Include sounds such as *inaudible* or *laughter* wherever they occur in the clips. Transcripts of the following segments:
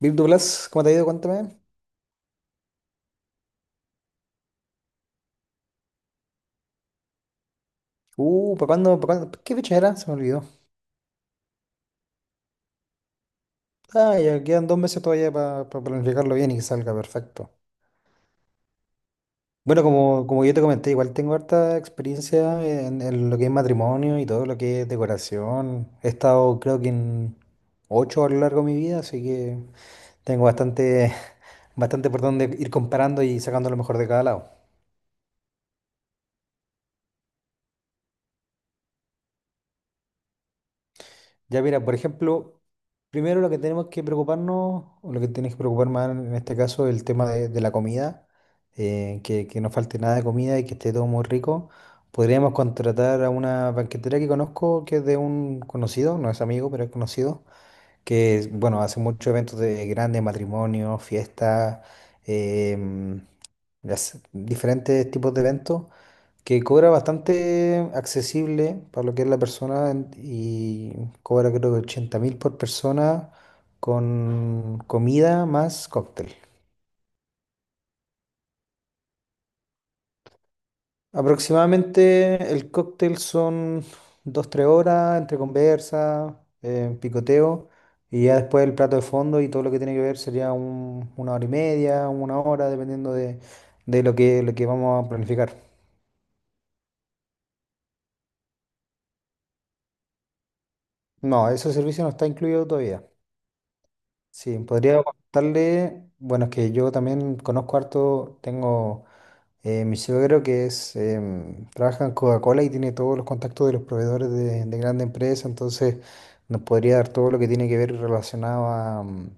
Virtu Plus, ¿cómo te ha ido? Cuéntame. Para cuándo? ¿Qué fecha era? Se me olvidó. Ah, ya quedan dos meses todavía para planificarlo bien y que salga perfecto. Bueno, como yo te comenté, igual tengo harta experiencia en lo que es matrimonio y todo lo que es decoración. He estado, creo que en ocho a lo largo de mi vida, así que tengo bastante, *laughs* bastante por donde ir comparando y sacando lo mejor de cada lado. Ya mira, por ejemplo, primero lo que tenemos que preocuparnos, o lo que tienes que preocupar más en este caso, el tema de la comida, que no falte nada de comida y que esté todo muy rico. Podríamos contratar a una banquetera que conozco, que es de un conocido, no es amigo, pero es conocido, que, bueno, hace muchos eventos de grandes matrimonios, fiestas, em, hace diferentes tipos de eventos que cobra bastante accesible para lo que es la persona y cobra creo que 80 mil por persona con comida más cóctel. Aproximadamente el cóctel son dos tres horas entre conversa, picoteo, y ya después el plato de fondo y todo lo que tiene que ver sería una hora y media, una hora, dependiendo de lo que vamos a planificar. No, ese servicio no está incluido todavía. Sí, podría contarle, bueno, es que yo también conozco harto, tengo mi suegro que es, trabaja en Coca-Cola y tiene todos los contactos de los proveedores de grandes empresas, entonces nos podría dar todo lo que tiene que ver relacionado a,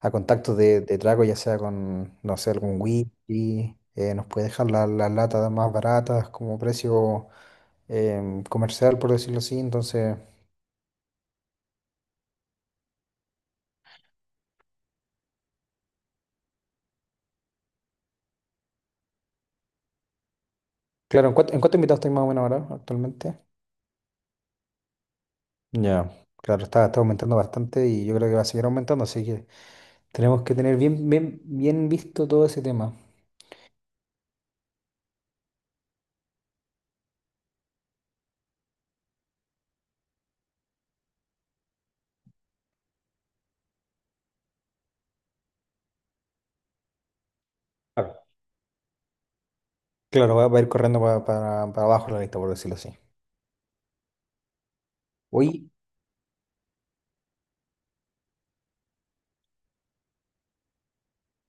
a contactos de trago, ya sea con, no sé, algún whisky, nos puede dejar las latas más baratas como precio comercial, por decirlo así, entonces, claro, ¿en cuánto invitados estáis más o menos ahora actualmente? Ya, claro, está aumentando bastante y yo creo que va a seguir aumentando, así que tenemos que tener bien, bien, bien visto todo ese tema. Claro, claro, va a ir corriendo para abajo la lista, por decirlo así. Hoy,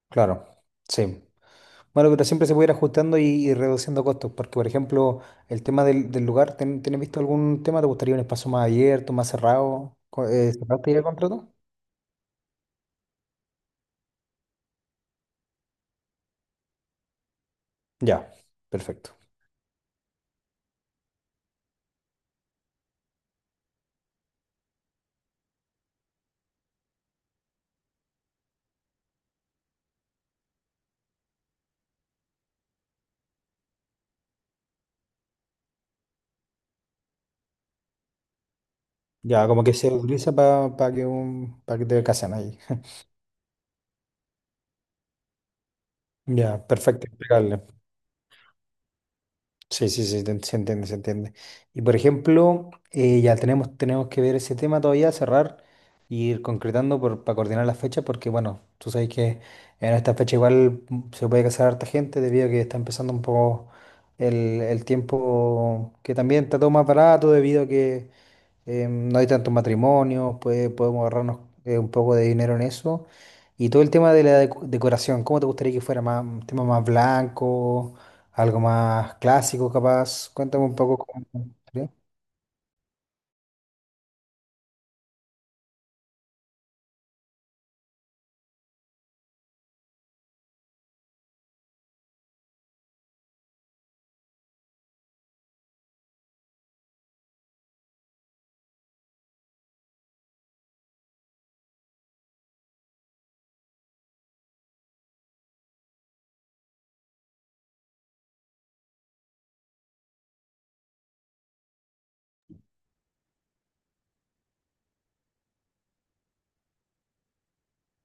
claro, sí. Bueno, pero siempre se puede ir ajustando y reduciendo costos, porque por ejemplo, el tema del lugar, ¿tienes visto algún tema? ¿Te gustaría un espacio más abierto, más cerrado? ¿Cerraste ya el contrato? Ya, perfecto. Ya, como que se utiliza para que te casen ahí. *laughs* Ya, perfecto, impecable. Sí, sí, sí, se entiende, se entiende. Y por ejemplo, ya tenemos que ver ese tema todavía, cerrar y ir concretando para coordinar las fechas, porque bueno, tú sabes que en esta fecha igual se puede casar harta gente debido a que está empezando un poco el, el tiempo que también está todo más barato debido a que no hay tantos matrimonios, podemos ahorrarnos un poco de dinero en eso. Y todo el tema de la decoración, ¿cómo te gustaría que fuera? Más, un tema más blanco, algo más clásico capaz. Cuéntame un poco cómo te gustaría.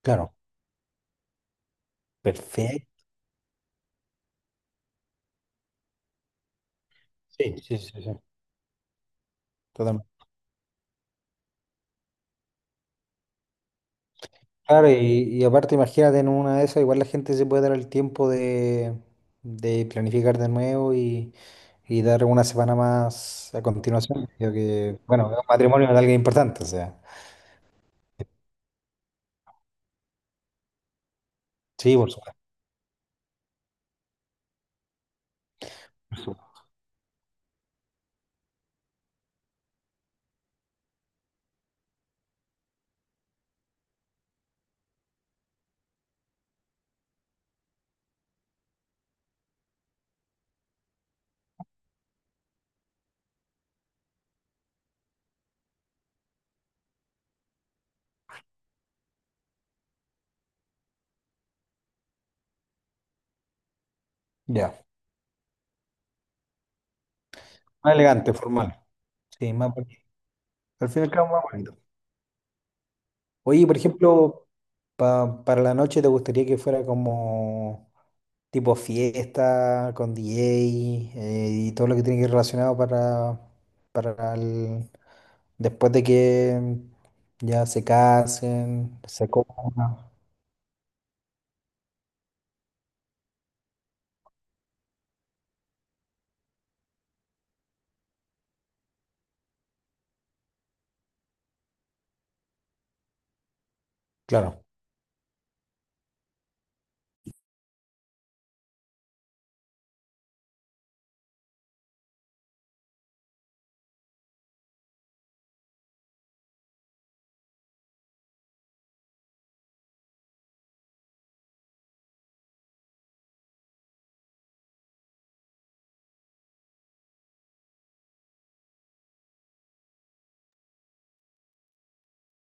Claro, perfecto. Sí, sí, sí, sí, totalmente. Claro, y aparte imagínate en una de esas, igual la gente se puede dar el tiempo de planificar de nuevo y dar una semana más a continuación. Creo que, bueno, es un matrimonio de alguien importante, o sea. Sí, por supuesto. Eso. Ya. Más elegante, formal. Sí, más bonito. Al fin y al cabo, más bonito. Oye, por ejemplo, para la noche, ¿te gustaría que fuera como tipo fiesta, con DJ y todo lo que tiene que ir relacionado para después de que ya se casen, se coman? Claro.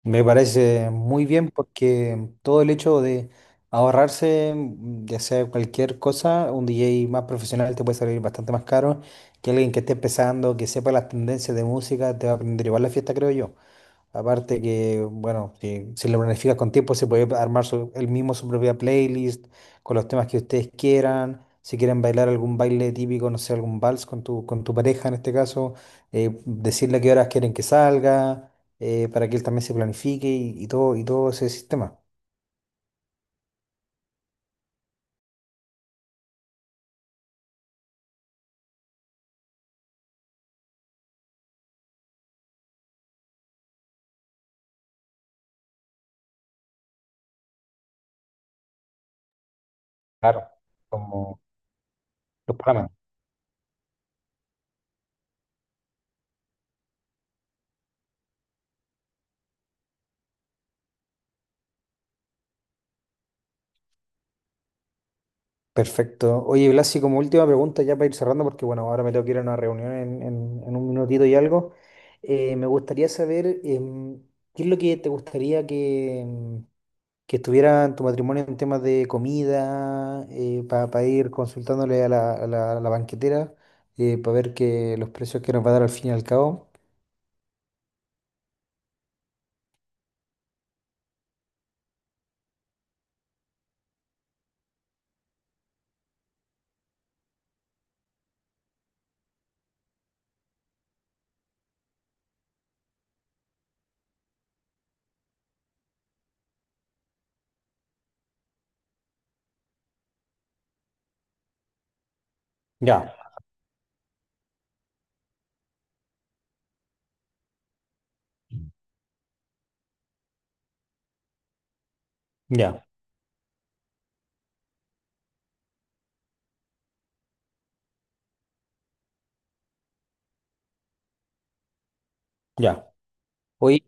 Me parece muy bien porque todo el hecho de ahorrarse, ya sea cualquier cosa, un DJ más profesional te puede salir bastante más caro que alguien que esté empezando, que sepa las tendencias de música, te va a aprender igual la fiesta, creo yo. Aparte que, bueno, si lo planificas con tiempo, se puede armar él mismo su propia playlist con los temas que ustedes quieran. Si quieren bailar algún baile típico, no sé, algún vals con tu pareja en este caso, decirle a qué horas quieren que salga, para que él también se planifique y todo ese sistema. Claro, como los programas. Perfecto. Oye, Blasi, como última pregunta, ya para ir cerrando, porque bueno, ahora me tengo que ir a una reunión en un minutito y algo. Me gustaría saber qué es lo que te gustaría que estuviera en tu matrimonio en temas de comida, para ir consultándole a a la banquetera, para ver que los precios que nos va a dar al fin y al cabo. Ya, ya, ya. Oye,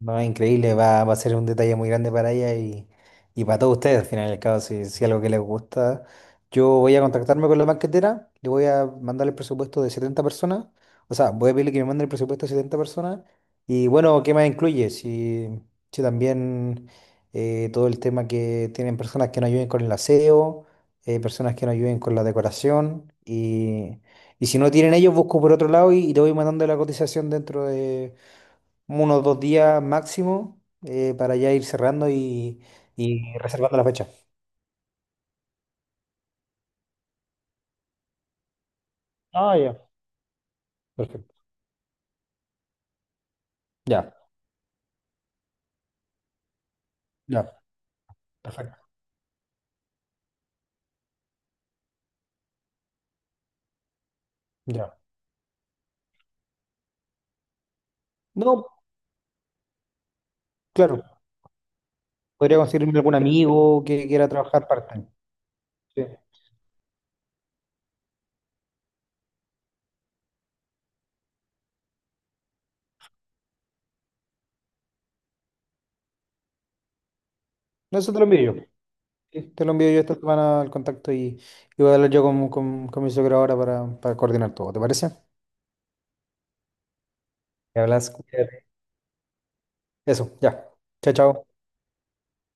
no, increíble, va a ser un detalle muy grande para ella y para todos ustedes, al final del cabo, si algo que les gusta. Yo voy a contactarme con la banquetera, le voy a mandar el presupuesto de 70 personas, o sea, voy a pedirle que me mande el presupuesto de 70 personas y bueno, ¿qué más incluye? Si, si también todo el tema que tienen personas que nos ayuden con el aseo, personas que nos ayuden con la decoración y si no tienen ellos, busco por otro lado y te voy mandando la cotización dentro de unos dos días máximo para ya ir cerrando y reservando la fecha. Ah, ya, perfecto. Ya, ya, perfecto. Ya. No, claro, podría conseguirme algún amigo que quiera trabajar part-time. Sí. No, eso te lo envío yo. Sí, te lo envío yo esta semana al contacto y voy a hablar yo con mi suegro ahora para coordinar todo. ¿Te parece? Me hablas, cuídate. Eso, ya. Chao, chao.